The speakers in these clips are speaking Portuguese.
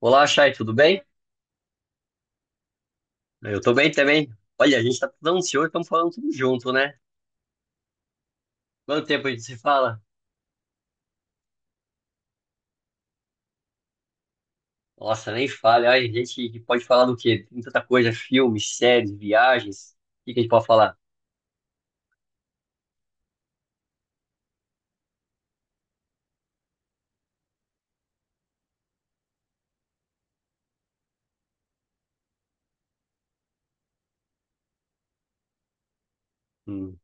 Olá, Chay, tudo bem? Eu tô bem também. Olha, a gente tá tudo ansioso, estamos falando tudo junto, né? Quanto tempo a gente se fala? Nossa, nem fale. Olha, a gente pode falar do quê? Tem tanta coisa, filmes, séries, viagens. O que que a gente pode falar? Hum,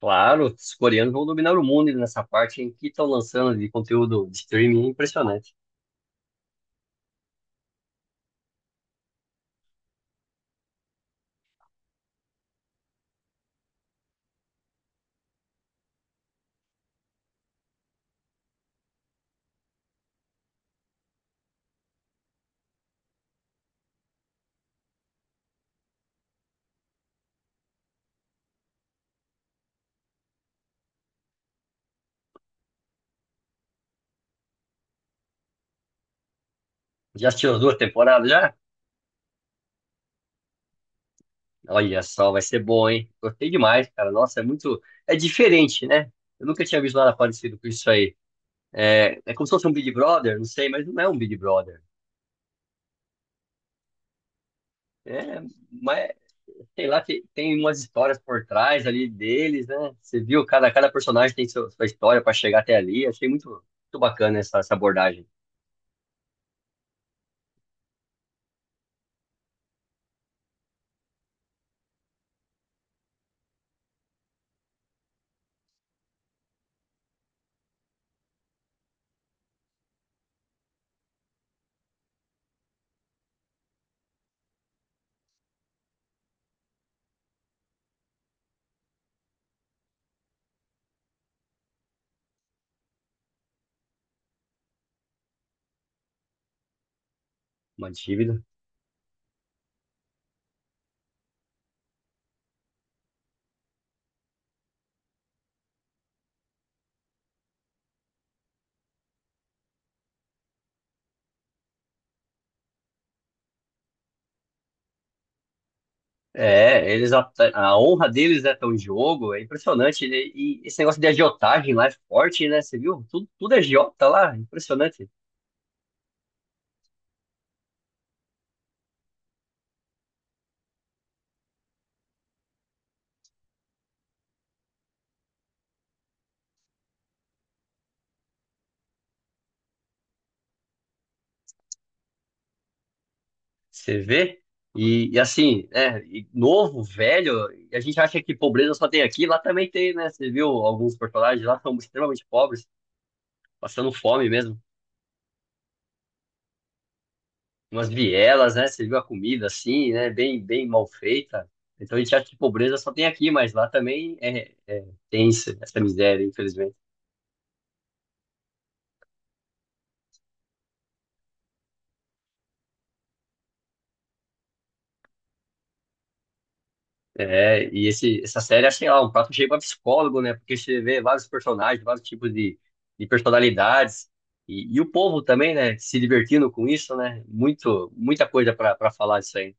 claro, os coreanos vão dominar o mundo nessa parte em que estão lançando de conteúdo de streaming impressionante. Já assistiu as duas temporadas já? Olha só, vai ser bom, hein? Gostei demais, cara. Nossa, é muito. É diferente, né? Eu nunca tinha visto nada parecido com isso aí. É, é como se fosse um Big Brother, não sei, mas não é um Big Brother. É, mas sei lá, tem umas histórias por trás ali deles, né? Você viu, cada personagem tem sua história para chegar até ali. Achei muito bacana essa abordagem. Uma dívida. É, eles a honra deles é tão em jogo, é impressionante. E esse negócio de agiotagem lá é forte, né? Você viu? Tudo é agiota lá, impressionante. Você vê? E assim, né? E novo, velho, e a gente acha que pobreza só tem aqui, lá também tem, né? Você viu alguns personagens lá são extremamente pobres, passando fome mesmo, umas vielas, né? Você viu a comida assim, né? Bem mal feita. Então a gente acha que pobreza só tem aqui, mas lá também é tem essa miséria, infelizmente. É, e essa série, assim, lá, um prato cheio pra psicólogo, né? Porque você vê vários personagens, vários tipos de personalidades. E o povo também, né? Se divertindo com isso, né? Muito, muita coisa pra falar disso aí.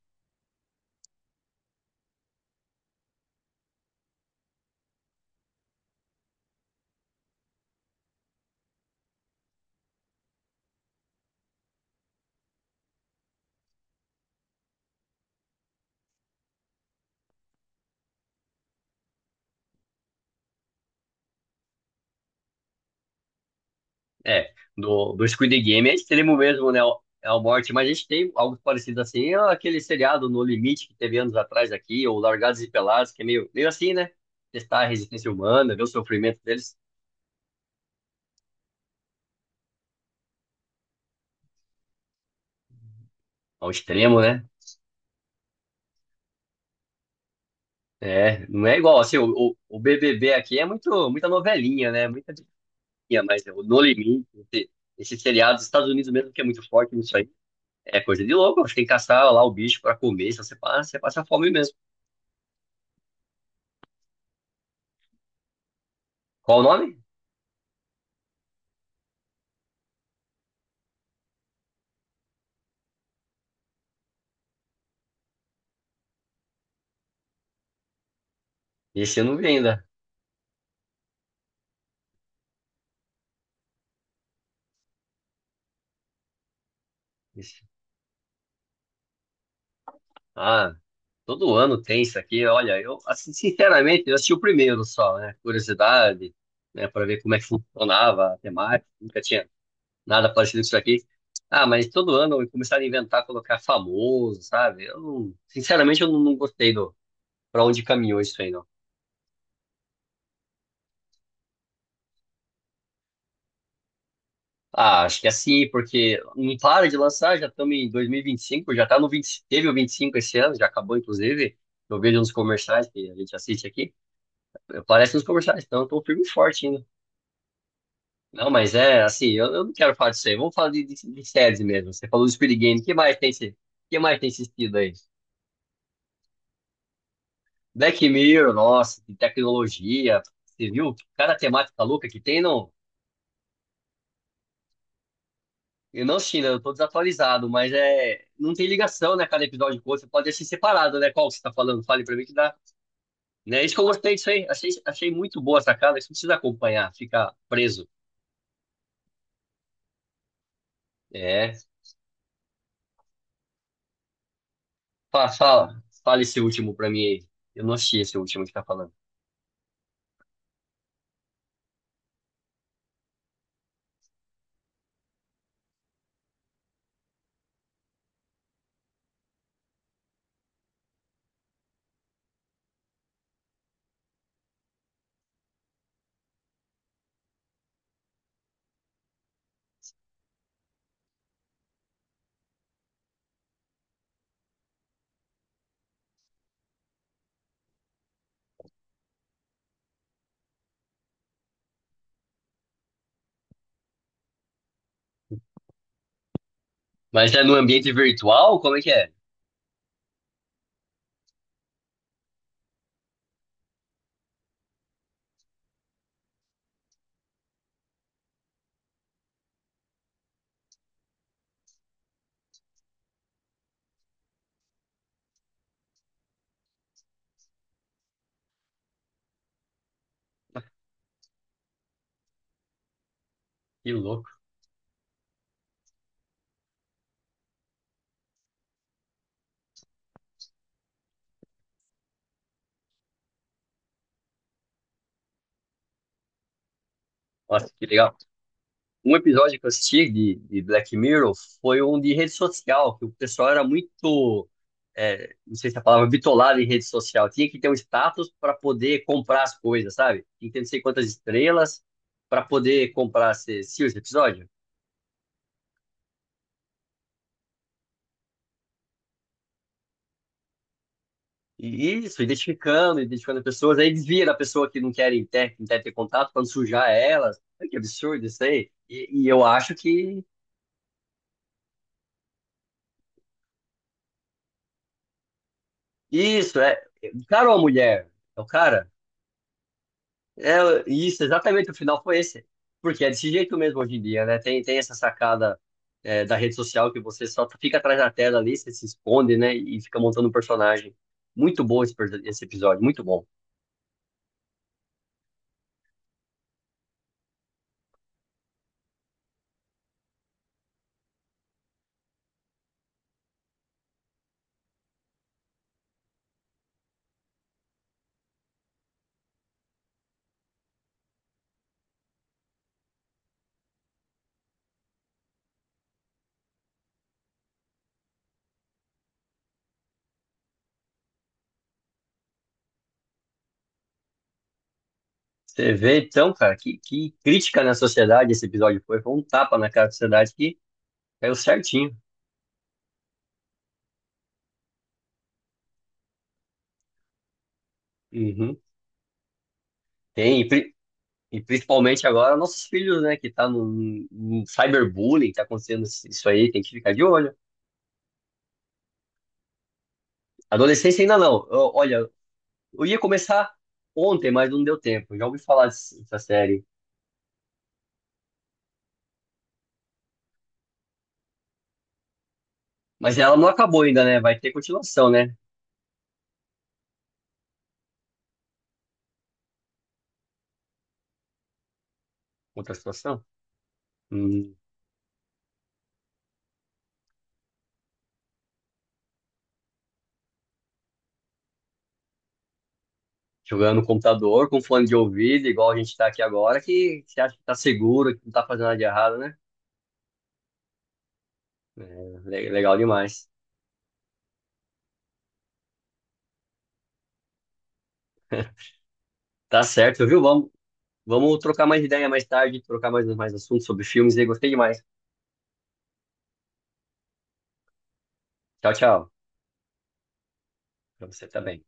É, do Squid Game é extremo mesmo, né? É o morte, mas a gente tem algo parecido assim, é aquele seriado No Limite que teve anos atrás aqui, ou Largados e Pelados, que é meio, meio assim, né? Testar a resistência humana, ver o sofrimento deles ao extremo, né? É, não é igual, assim, o BBB aqui é muito, muita novelinha, né? Muita diquinha, mas é o No Limite, esse, esse seriado dos Estados Unidos mesmo, que é muito forte nisso aí, é coisa de louco. Você tem que caçar lá o bicho pra comer, se você passa, você passa fome mesmo. Qual o nome? Esse eu não vi ainda. Esse- ah, todo ano tem isso aqui. Olha, eu, assim, sinceramente, eu assisti o primeiro só, né? Curiosidade, né? Pra ver como é que funcionava a temática, nunca tinha nada parecido com isso aqui. Ah, mas todo ano começaram a inventar, colocar famoso, sabe? Eu não- sinceramente, eu não, não gostei do pra onde caminhou isso aí, não. Ah, acho que é assim, porque não para de lançar, já estamos em 2025, já tá no 20, teve o 25 esse ano, já acabou, inclusive. Eu vejo nos comerciais que a gente assiste aqui, aparece nos comerciais, então eu tô firme e forte ainda. Não, mas é assim, eu não quero falar disso aí, vamos falar de séries mesmo. Você falou do Squid Game, o que mais tem, o que mais tem assistido aí? Black Mirror, nossa, de tecnologia. Você viu cada temática louca que tem, não? Eu não assisti, né? Eu tô desatualizado, mas é. Não tem ligação, né? Cada episódio com o outro. Você pode assistir separado, né? Qual que você tá falando? Fale pra mim que dá. Né? Isso que eu gostei disso aí. Achei muito boa a sacada. Isso não precisa acompanhar, fica preso. É. Fala esse último pra mim aí. Eu não assisti esse último que tá falando. Mas é no ambiente virtual? Como é? Que louco. Nossa, que legal. Um episódio que eu assisti de Black Mirror foi um de rede social, que o pessoal era muito, é, não sei se é a palavra, bitolado em rede social. Tinha que ter um status para poder comprar as coisas, sabe? Tinha que ter não sei quantas estrelas para poder comprar esse episódio. E isso, identificando pessoas, aí desvia da pessoa que não quer ter, não quer ter contato, quando sujar elas. Olha que absurdo isso aí. E eu acho que isso é, o cara ou a mulher? É o cara? É, isso, exatamente, o final foi esse. Porque é desse jeito mesmo hoje em dia, né? Tem essa sacada, é, da rede social que você só fica atrás da tela ali, você se esconde, né? E fica montando um personagem. Muito bom esse, esse episódio, muito bom. Você vê, então, cara, que crítica na sociedade esse episódio foi. Foi um tapa na cara da sociedade que caiu certinho. Uhum. Tem, e, pri- e principalmente agora nossos filhos, né? Que tá no cyberbullying, tá acontecendo isso aí, tem que ficar de olho. Adolescência ainda não. Ó, olha, eu ia começar ontem, mas não deu tempo. Já ouvi falar dessa série. Mas ela não acabou ainda, né? Vai ter continuação, né? Outra situação. Hum, jogando no computador, com fone de ouvido, igual a gente tá aqui agora, que você acha que tá seguro, que não tá fazendo nada de errado, né? É, legal demais. Tá certo, viu? Vamos trocar mais ideia mais tarde, trocar mais, mais assuntos sobre filmes aí. Gostei demais. Tchau, tchau. Pra você também.